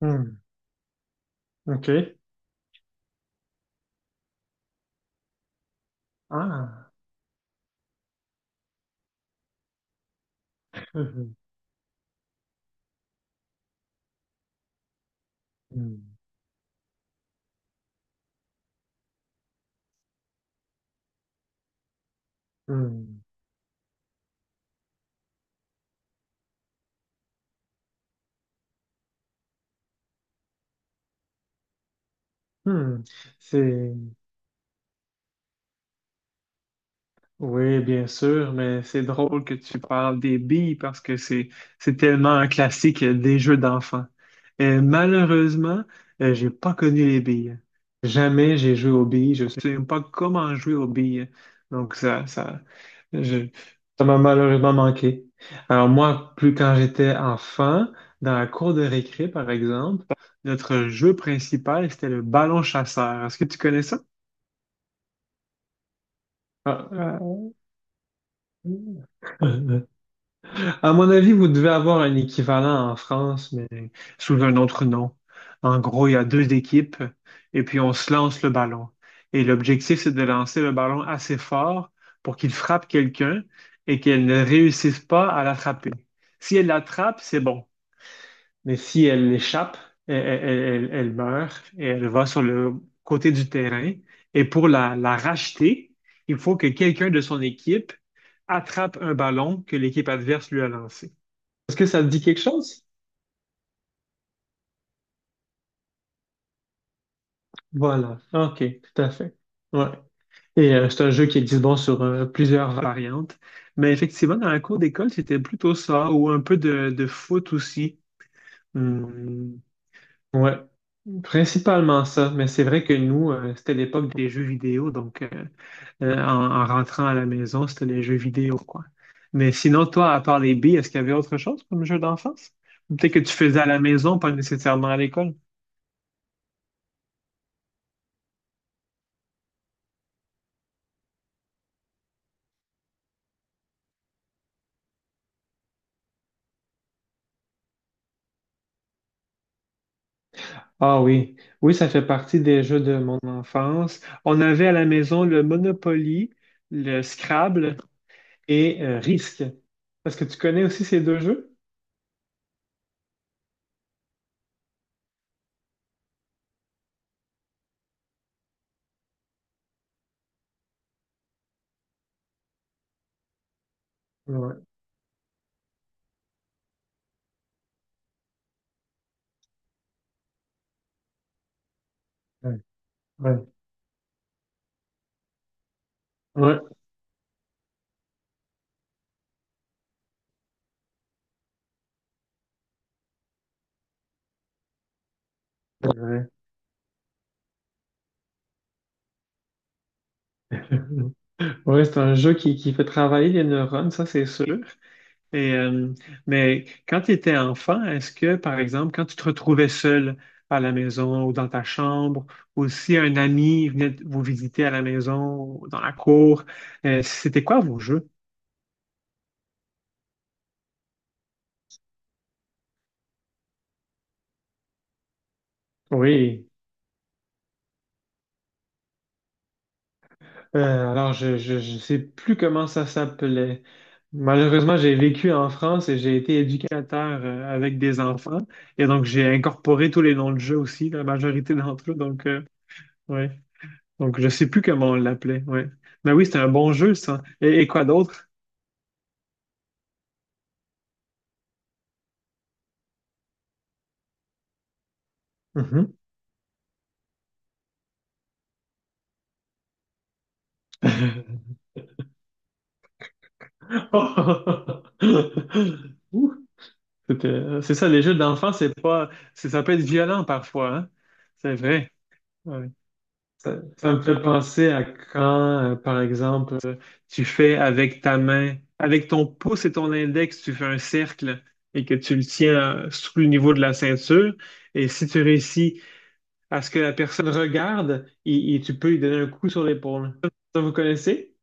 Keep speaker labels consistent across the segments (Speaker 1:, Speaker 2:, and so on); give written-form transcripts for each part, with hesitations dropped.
Speaker 1: Hmm, ok. Ah. Hmm, hmm, hmm, hmm. C'est, Oui, bien sûr, mais c'est drôle que tu parles des billes parce que c'est tellement un classique des jeux d'enfants. Malheureusement, j'ai pas connu les billes. Jamais j'ai joué aux billes. Je sais même pas comment jouer aux billes. Donc ça ça je- ça m'a malheureusement manqué. Alors moi, plus quand j'étais enfant, dans la cour de récré par exemple, notre jeu principal c'était le ballon chasseur. Est-ce que tu connais ça? Ah, ah. À mon avis, vous devez avoir un équivalent en France, mais sous un autre nom. En gros, il y a deux équipes et puis on se lance le ballon. Et l'objectif, c'est de lancer le ballon assez fort pour qu'il frappe quelqu'un et qu'elle ne réussisse pas à l'attraper. Si elle l'attrape, c'est bon. Mais si elle l'échappe, elle, elle meurt et elle va sur le côté du terrain. Et pour la, la racheter, il faut que quelqu'un de son équipe attrape un ballon que l'équipe adverse lui a lancé. Est-ce que ça te dit quelque chose? Voilà, ok, tout à fait. Ouais. Et c'est un jeu qui existe bon sur plusieurs variantes. Mais effectivement, dans la cour d'école, c'était plutôt ça, ou un peu de foot aussi. Hmm, ouais, principalement ça. Mais c'est vrai que nous, c'était l'époque des jeux vidéo, donc en, en rentrant à la maison, c'était les jeux vidéo, quoi. Mais sinon, toi, à part les billes, est-ce qu'il y avait autre chose comme jeu d'enfance? Ou peut-être que tu faisais à la maison, pas nécessairement à l'école. Ah oui, oui, ça fait partie des jeux de mon enfance. On avait à la maison le Monopoly, le Scrabble, et Risk. Est-ce que tu connais aussi ces deux jeux? Ouais, ouais, ouais, ouais, c'est vrai. Ouais, c'est un jeu qui fait travailler les neurones, ça c'est sûr. Et, mais quand tu étais enfant, est-ce que, par exemple, quand tu te retrouvais seul à la maison ou dans ta chambre, ou si un ami venait vous visiter à la maison ou dans la cour, c'était quoi vos jeux? Oui. Alors, je sais plus comment ça s'appelait. Malheureusement, j'ai vécu en France et j'ai été éducateur avec des enfants. Et donc, j'ai incorporé tous les noms de jeux aussi, la majorité d'entre eux. Donc, oui. Donc, je sais plus comment on l'appelait, ouais. Mais oui, c'était un bon jeu, ça. Et quoi d'autre? Mhm. Ouh, C'est ça, les jeux d'enfants, c'est pas, c'est- ça peut être violent parfois, hein? C'est vrai. Ouais. Ça me fait penser à quand, par exemple, tu fais avec ta main, avec ton pouce et ton index, tu fais un cercle et que tu le tiens sous le niveau de la ceinture. Et si tu réussis à ce que la personne regarde et tu peux lui donner un coup sur l'épaule. Ça, vous connaissez?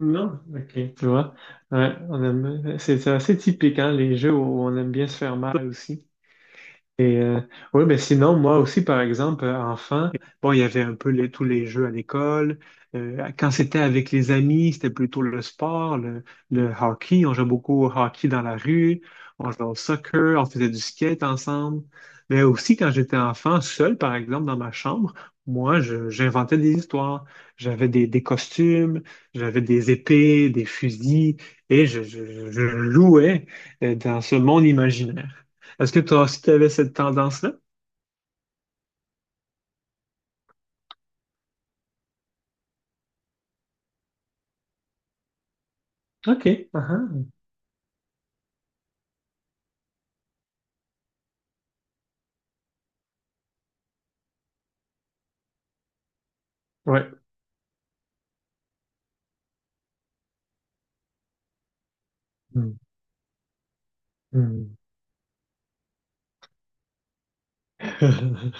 Speaker 1: Non? Ok, tu vois. Ouais, on aime, c'est assez typique, hein, les jeux où on aime bien se faire mal aussi. Et oui, ben sinon, moi aussi, par exemple, enfant, bon, il y avait un peu tous les jeux à l'école. Quand c'était avec les amis, c'était plutôt le sport, le hockey. On jouait beaucoup au hockey dans la rue, on jouait au soccer, on faisait du skate ensemble. Mais aussi, quand j'étais enfant, seul, par exemple, dans ma chambre, moi, j'inventais des histoires. J'avais des costumes, j'avais des épées, des fusils, et je louais dans ce monde imaginaire. Est-ce que toi aussi, tu avais cette tendance-là? OK. Ah ah. Ouais. Hmm. Hmm.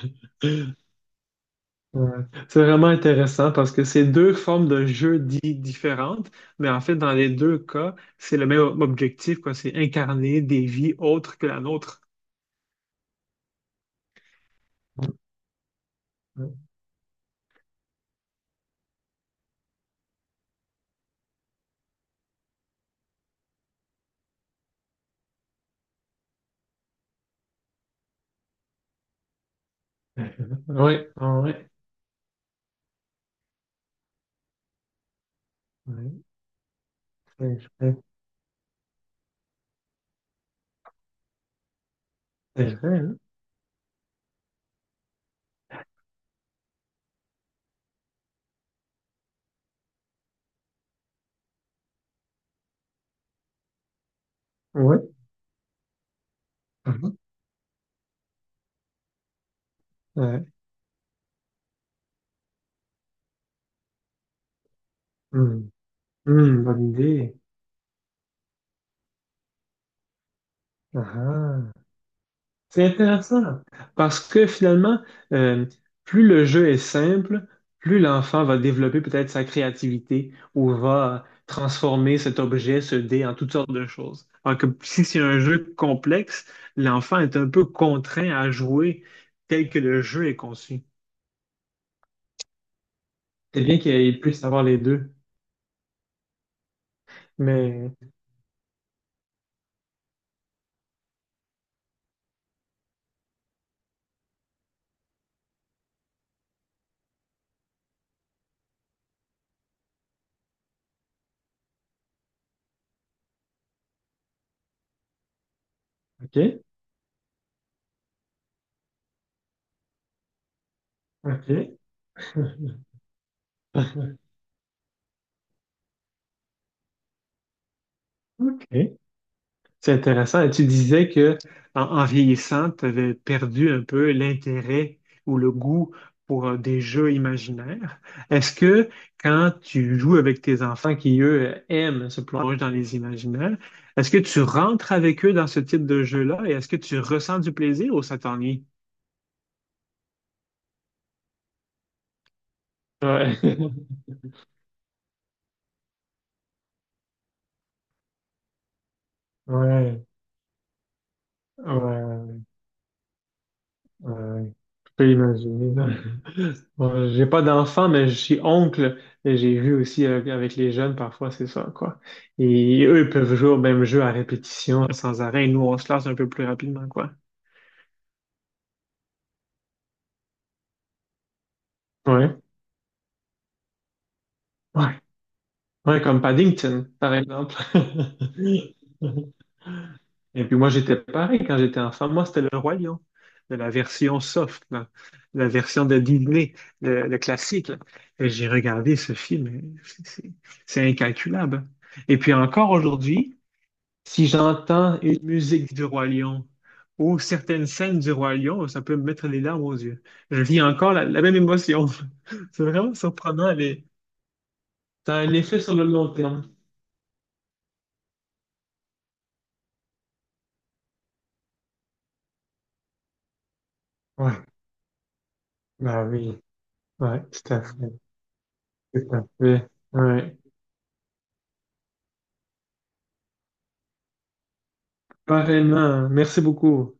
Speaker 1: Ouais. C'est vraiment intéressant parce que c'est deux formes de jeu dits différentes, mais en fait, dans les deux cas, c'est le même objectif, quoi. C'est incarner des vies autres que la nôtre. Oui, oui. Oui. C'est vrai, c'est vrai, hein? Ouais. Mhm. Ouais. Hmm. Hmm, bonne idée. Ah ah. C'est intéressant parce que finalement, euh, plus le jeu est simple, plus l'enfant va développer peut-être sa créativité ou va transformer cet objet, ce dé, en toutes sortes de choses. Alors que si c'est un jeu complexe, l'enfant est un peu contraint à jouer tel que le jeu est conçu. C'est bien qu'il puisse avoir les deux. Mais, OK, OK, OK. C'est intéressant. Et tu disais que en, en vieillissant, tu avais perdu un peu l'intérêt ou le goût pour des jeux imaginaires. Est-ce que quand tu joues avec tes enfants qui, eux, aiment se plonger dans les imaginaires, est-ce que tu rentres avec eux dans ce type de jeu-là et est-ce que tu ressens du plaisir ou ça t'ennuie? Ouais, ouais, ouais, ouais. Je peux imaginer. Bon, j'ai pas d'enfant, mais je suis oncle et j'ai vu aussi avec les jeunes parfois, c'est ça, quoi. Et eux, ils peuvent jouer au même jeu à répétition, sans arrêt. Nous, on se lasse un peu plus rapidement, quoi. Ouais, ouais, ouais, comme Paddington, par exemple. Et puis moi, j'étais pareil quand j'étais enfant. Moi, c'était le Roi Lion, de la version soft, là. La version de Disney, le classique. Là. Et j'ai regardé ce film, et c'est incalculable. Et puis encore aujourd'hui, si j'entends une musique du Roi Lion ou certaines scènes du Roi Lion, ça peut me mettre les larmes aux yeux. Je vis encore la, la même émotion. C'est vraiment surprenant. Les... Ça a un effet sur le long terme. Ouais, bah oui. Ouais, tout à fait. Tout à fait. Ouais. Pareillement, hein. Merci beaucoup.